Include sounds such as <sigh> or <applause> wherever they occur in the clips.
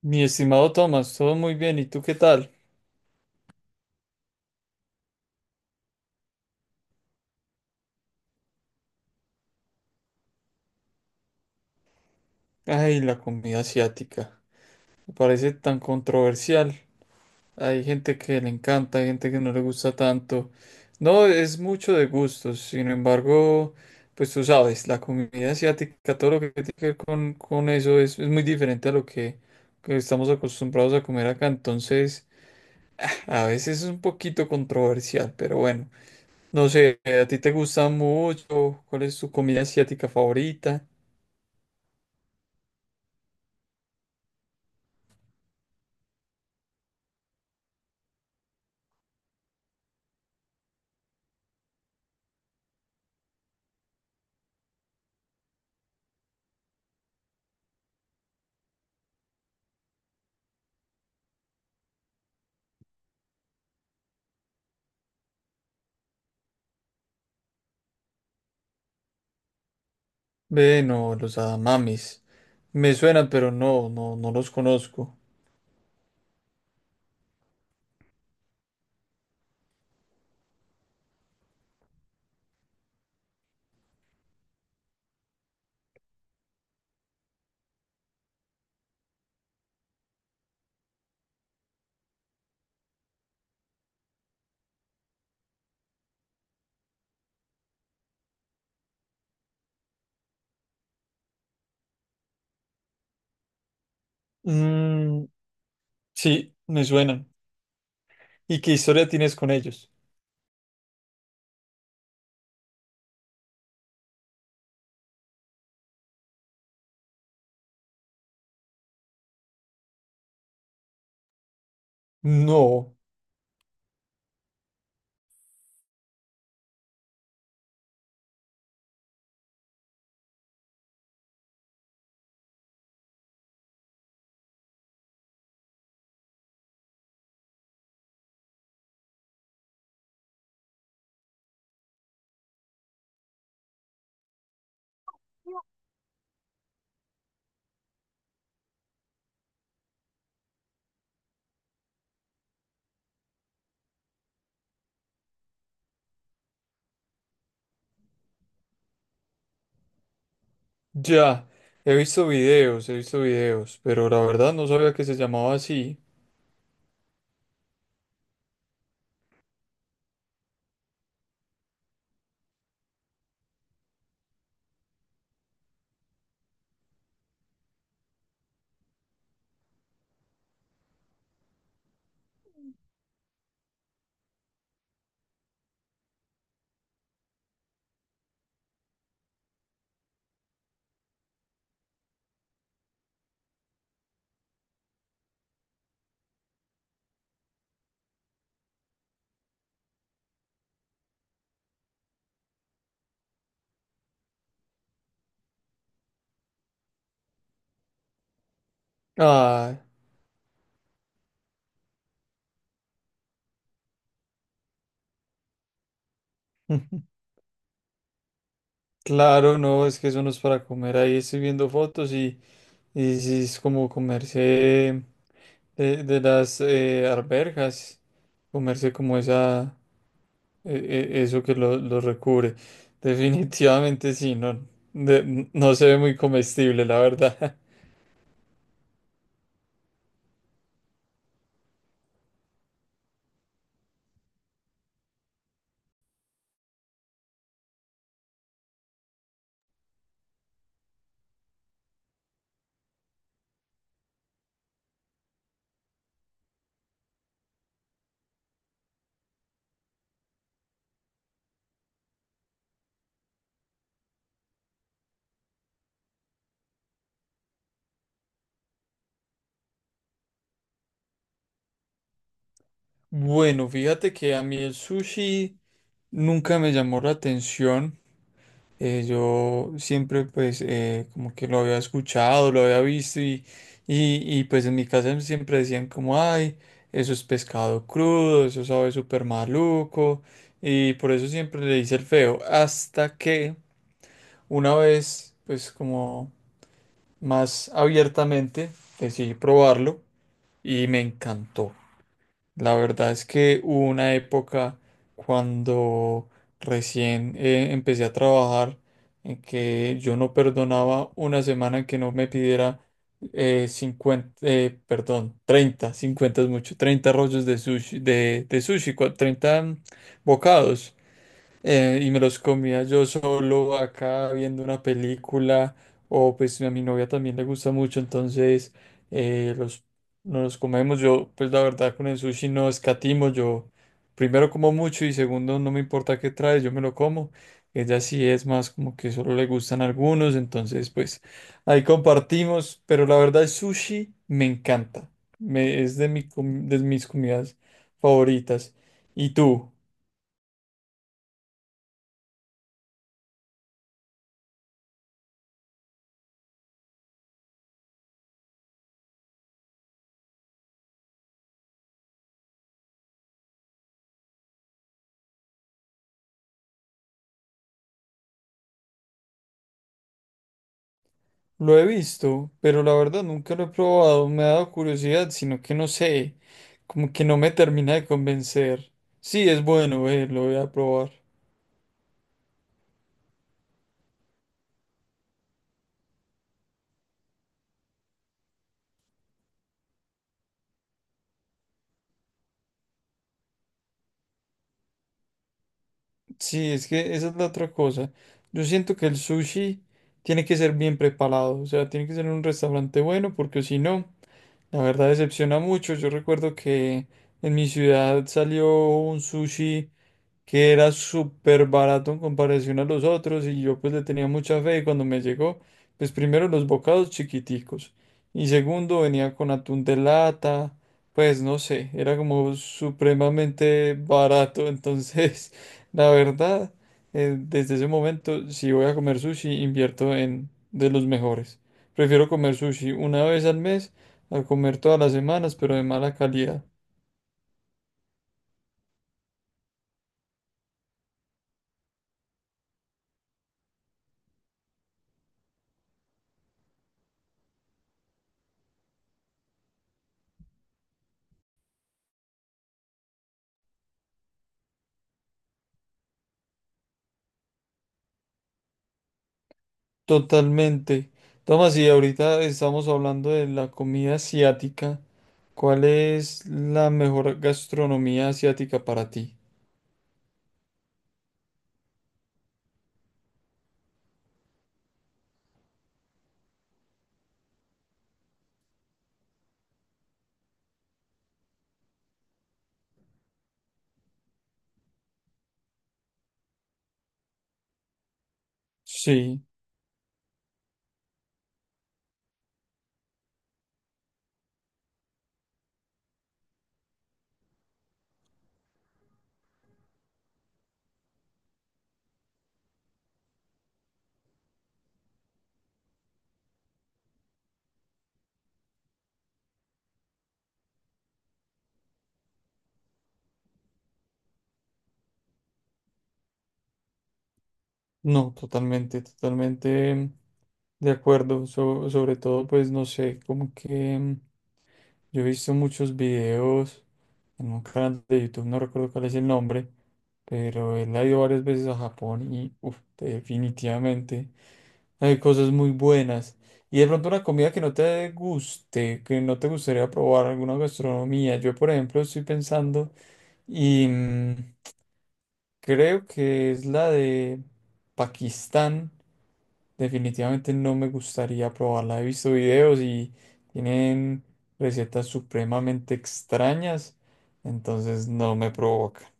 Mi estimado Tomás, todo muy bien, ¿y tú qué tal? Ay, la comida asiática, me parece tan controversial. Hay gente que le encanta, hay gente que no le gusta tanto. No, es mucho de gustos, sin embargo, pues tú sabes, la comida asiática, todo lo que tiene que ver con eso es muy diferente a lo que estamos acostumbrados a comer acá, entonces a veces es un poquito controversial, pero bueno, no sé, ¿a ti te gusta mucho? ¿Cuál es tu comida asiática favorita? Ve, no, los Adamamis. Me suenan, pero no, no, no los conozco. Mm, sí, me suenan. ¿Y qué historia tienes con ellos? No, ya. He visto videos, pero la verdad no sabía que se llamaba así. Ah, <laughs> claro, no, es que eso no es para comer. Ahí estoy viendo fotos y sí es como comerse de las arberjas, comerse como esa. e- eso que lo recubre. Definitivamente sí, no, no se ve muy comestible, la verdad. <laughs> Bueno, fíjate que a mí el sushi nunca me llamó la atención. Yo siempre pues como que lo había escuchado, lo había visto y, pues en mi casa siempre decían como, ay, eso es pescado crudo, eso sabe súper maluco y por eso siempre le hice el feo. Hasta que una vez pues como más abiertamente, decidí probarlo y me encantó. La verdad es que hubo una época cuando recién empecé a trabajar en que yo no perdonaba una semana en que no me pidiera 50, perdón, 30 50 es mucho, 30 rollos de sushi, de sushi, 30 bocados y me los comía yo solo acá viendo una película o pues a mi novia también le gusta mucho, entonces los, nos los comemos. Yo pues la verdad con el sushi no escatimo, yo primero como mucho y segundo no me importa qué trae, yo me lo como. Ella sí es más como que solo le gustan algunos, entonces pues ahí compartimos, pero la verdad el sushi me encanta, me, es de, mi, com- de mis comidas favoritas. ¿Y tú? Lo he visto, pero la verdad nunca lo he probado. Me ha dado curiosidad, sino que no sé, como que no me termina de convencer. Sí, es bueno, lo voy a probar. Sí, es que esa es la otra cosa. Yo siento que el sushi tiene que ser bien preparado, o sea, tiene que ser en un restaurante bueno, porque si no, la verdad decepciona mucho. Yo recuerdo que en mi ciudad salió un sushi que era súper barato en comparación a los otros y yo pues le tenía mucha fe y cuando me llegó, pues primero los bocados chiquiticos y segundo venía con atún de lata, pues no sé, era como supremamente barato, entonces <laughs> la verdad, desde ese momento si voy a comer sushi invierto en de los mejores. Prefiero comer sushi una vez al mes a comer todas las semanas, pero de mala calidad. Totalmente. Tomás, y ahorita estamos hablando de la comida asiática. ¿Cuál es la mejor gastronomía asiática para ti? Sí, no, totalmente, totalmente de acuerdo. Sobre todo, pues no sé, como que yo he visto muchos videos en un canal de YouTube, no recuerdo cuál es el nombre, pero él ha ido varias veces a Japón y uf, definitivamente. Hay cosas muy buenas. Y de pronto una comida que no te guste, que no te gustaría probar, alguna gastronomía. Yo, por ejemplo, estoy pensando y creo que es la de Pakistán. Definitivamente no me gustaría probarla. He visto videos y tienen recetas supremamente extrañas, entonces no me provoca.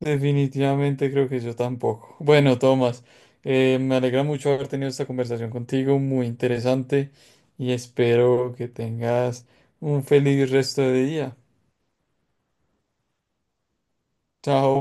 Definitivamente creo que yo tampoco. Bueno, Tomás, me alegra mucho haber tenido esta conversación contigo, muy interesante, y espero que tengas un feliz resto de día. Chao.